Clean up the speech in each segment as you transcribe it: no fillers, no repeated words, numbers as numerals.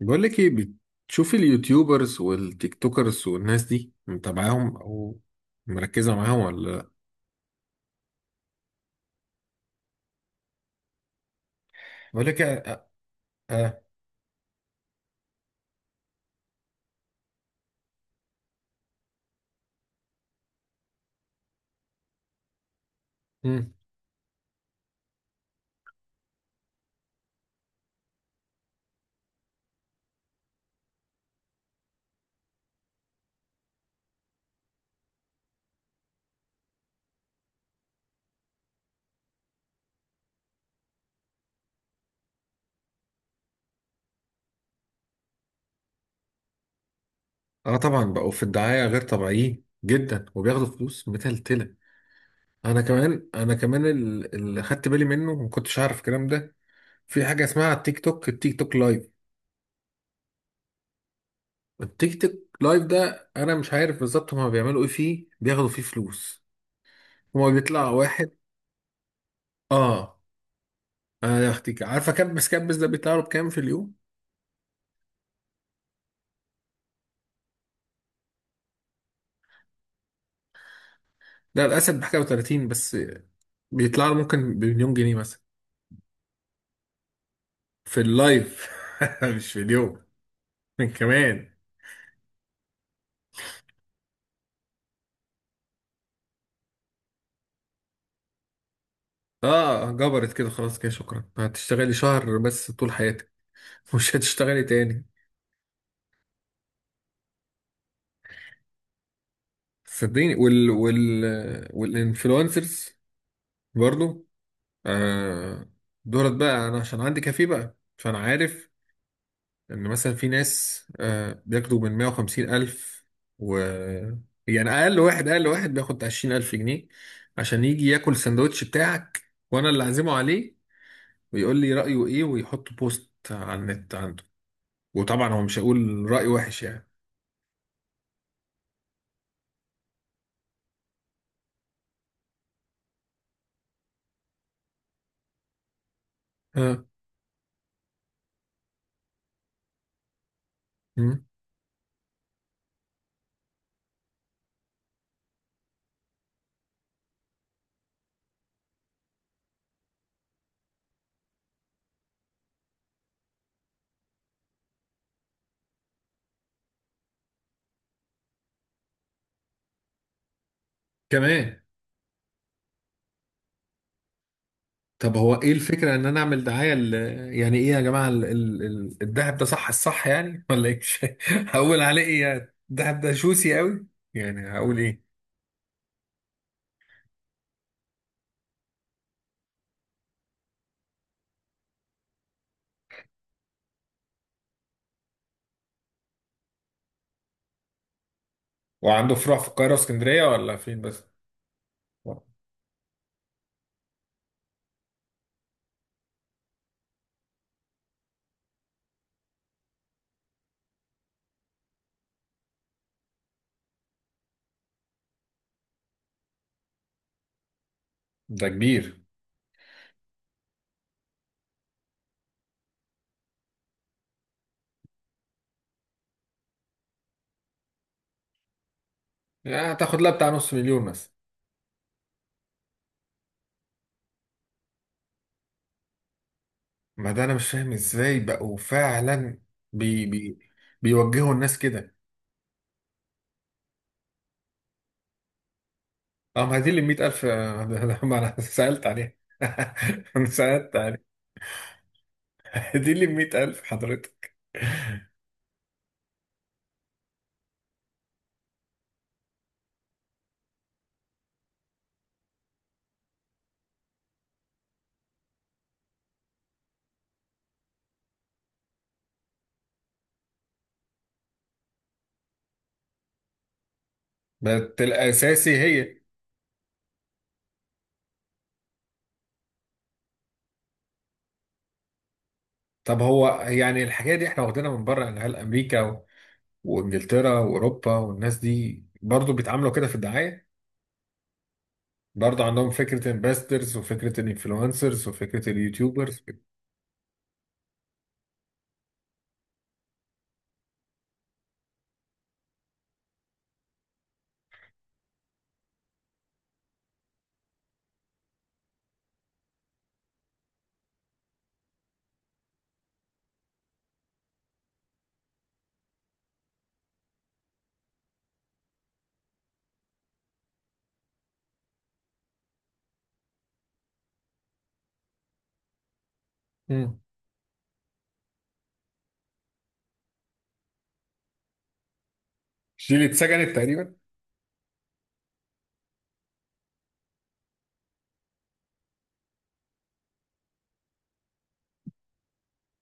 بقول لك ايه؟ بتشوفي اليوتيوبرز والتيك توكرز والناس دي متابعاهم او مركزه معاهم ولا لا؟ بقول لك اه. اه. مم. آه طبعا بقوا في الدعايه غير طبيعيين جدا وبياخدوا فلوس متلتله. انا كمان اللي خدت بالي منه، ما كنتش عارف الكلام ده. في حاجه اسمها التيك توك لايف. التيك توك لايف ده انا مش عارف بالظبط هما بيعملوا ايه فيه، بياخدوا فيه فلوس. هما بيطلع واحد. اه. انا يا اختي عارفه كبس كبس ده بيطلع له بكام في اليوم؟ ده الاسد بحاجه و30 بس، بيطلع له ممكن بمليون جنيه مثلا. في اللايف، مش في اليوم. من كمان. اه جبرت كده، خلاص كده شكرا، هتشتغلي شهر بس طول حياتك، مش هتشتغلي تاني. صدقيني وال والانفلونسرز برضو. آه. دولت بقى، انا عشان عندي كافيه بقى فانا عارف ان مثلا في ناس، بياخدوا من 150 الف و، يعني اقل واحد بياخد بتاع 20 الف جنيه عشان يجي ياكل السندوتش بتاعك وانا اللي اعزمه عليه، ويقول لي رايه ايه، ويحط بوست على النت عنده. وطبعا هو مش هيقول راي وحش يعني. اه. مم. كمان. طب هو ايه الفكره ان انا اعمل دعايه ل... يعني ايه يا جماعه الدهب ده صح الصح يعني ولا ايه؟ هقول عليه ايه؟ يعني الدهب ده شوسي قوي؟ يعني هقول إيه؟ وعنده فروع في القاهرة واسكندرية ولا فين بس؟ ده كبير. يعني هتاخد لها بتاع نص مليون مثلا؟ ما ده أنا مش فاهم إزاي بقوا فعلا بي بيوجهوا الناس كده. اه ما دي اللي 100,000. ده ما أنا سألت عليها. أنا سألت عليها. دي اللي 100,000 حضرتك. بس الأساسي هي. طب هو يعني الحكاية دي احنا واخدينها من بره، يعني هل أمريكا وإنجلترا وأوروبا والناس دي برضو بيتعاملوا كده في الدعاية؟ برضه عندهم فكرة امباسترز وفكرة الانفلونسرز وفكرة اليوتيوبرز. مم. دي اللي اتسجنت تقريبا.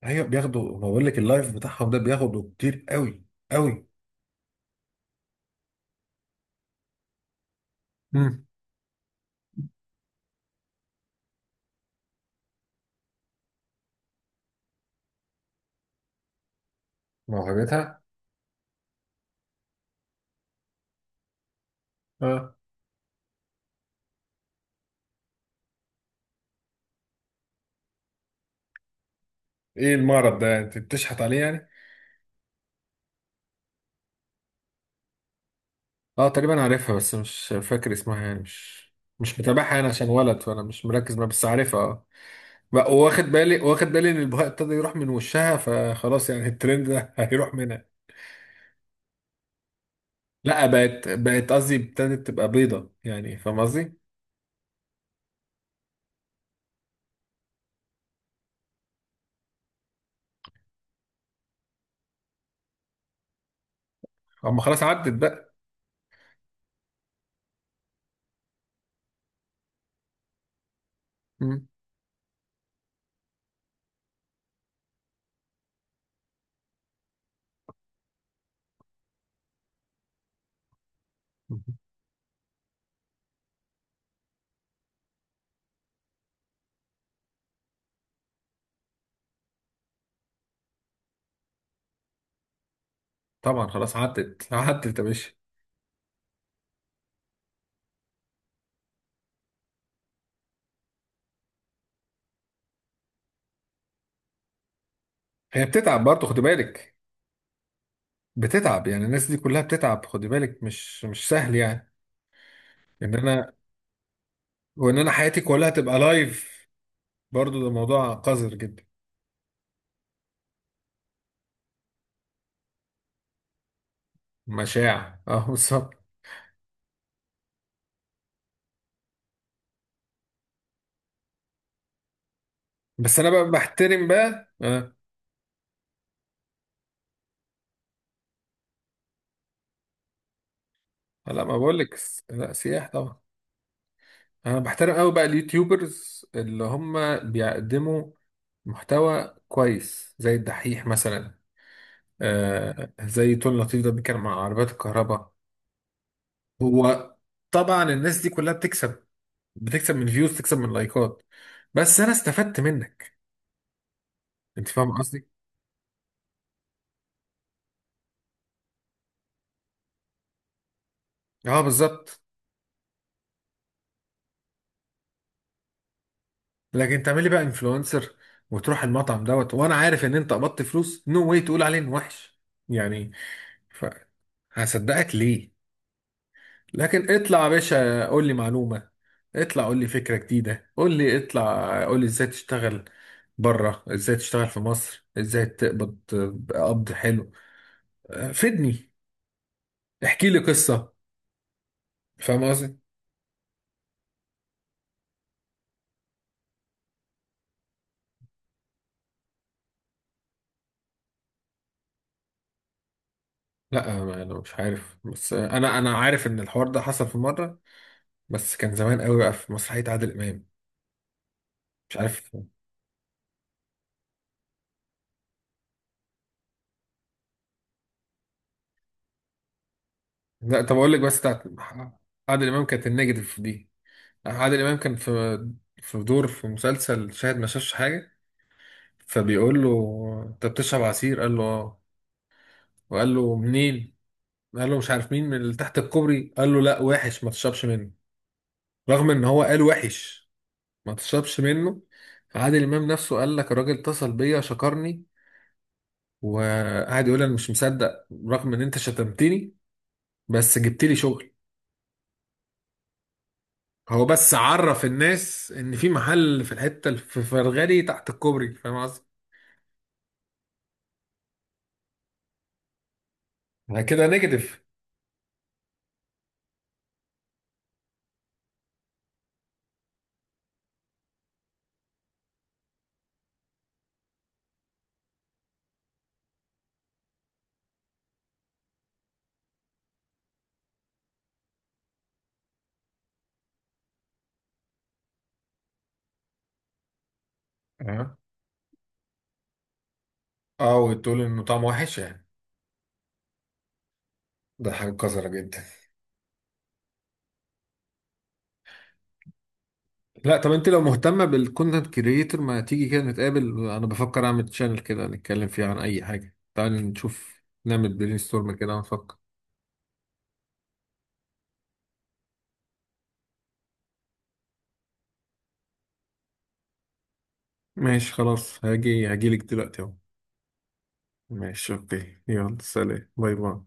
ايوه بياخدوا، ما بقول لك اللايف بتاعهم ده بياخدوا كتير قوي قوي. مم. موهبتها. اه. ايه المرض ده انت بتشحت عليه يعني؟ اه تقريبا عارفها بس مش فاكر اسمها، يعني مش مش متابعها انا عشان ولد، فانا مش مركز معاها بس عارفها اه. واخد بالي واخد بالي ان البهاء ابتدى يروح من وشها، فخلاص يعني الترند ده هيروح منها. لا بقت قصدي ابتدت تبقى بيضة، يعني فاهم قصدي. اما خلاص عدت بقى. مم. طبعا خلاص عدت عدت يا باشا. هي بتتعب برضه خد بالك. بتتعب، يعني الناس دي كلها بتتعب خد بالك، مش سهل يعني. ان انا وان انا حياتي كلها تبقى لايف. برضه ده موضوع قذر جدا. مشاع اه بالظبط. بس انا بقى بحترم بقى آه. لا ما بقول لك. لا سياح طبعا. انا بحترم قوي بقى اليوتيوبرز اللي هم بيقدموا محتوى كويس زي الدحيح مثلا. آه زي تون لطيف ده بيتكلم عن عربيات الكهرباء. هو طبعا الناس دي كلها بتكسب، بتكسب من فيوز، تكسب من لايكات. بس انا استفدت منك. انت فاهم قصدي. اه بالظبط. لكن تعملي بقى انفلونسر وتروح المطعم دوت وانا عارف ان انت قبضت فلوس، نو واي تقول عليه انه وحش يعني. ف، هصدقك ليه؟ لكن اطلع يا باشا قول لي معلومة، اطلع قول لي فكرة جديدة، قول لي، اطلع قول لي ازاي تشتغل بره، ازاي تشتغل في مصر، ازاي تقبض قبض حلو، آه، فيدني، احكي لي قصة، فاهم قصدي. لا ما- انا مش عارف بس، انا عارف ان الحوار ده حصل في مرة، بس كان زمان قوي بقى في مسرحية عادل امام. مش عارف. لا طب اقول لك، بس بتاعت عادل امام كانت النيجاتيف دي. عادل امام كان في، في دور في مسلسل شاهد ما شافش حاجة، فبيقول له انت بتشرب عصير؟ قال له اه. وقال له منين؟ قال له مش عارف مين، من اللي تحت الكوبري. قال له لا وحش ما تشربش منه. رغم ان هو قال وحش ما تشربش منه، عادل امام نفسه قال لك الراجل اتصل بيا شكرني، وقعد يقول انا مش مصدق، رغم ان انت شتمتني بس جبت لي شغل. هو بس عرف الناس ان في محل في الحته اللي في فرغالي تحت الكوبري، فاهم قصدي. أنا كده نيجاتيف. اه اه. وتقول انه طعمه وحش يعني. ده حاجه قذره جدا. لا طب انت لو مهتمة بالكونتنت كريتور ما تيجي كده نتقابل؟ انا بفكر اعمل تشانل كده نتكلم فيه عن اي حاجة. تعال نشوف نعمل برين ستورم كده ونفكر. ماشي خلاص، هاجي هاجيلك دلوقتي اهو. ماشي اوكي، يلا سلام، باي باي.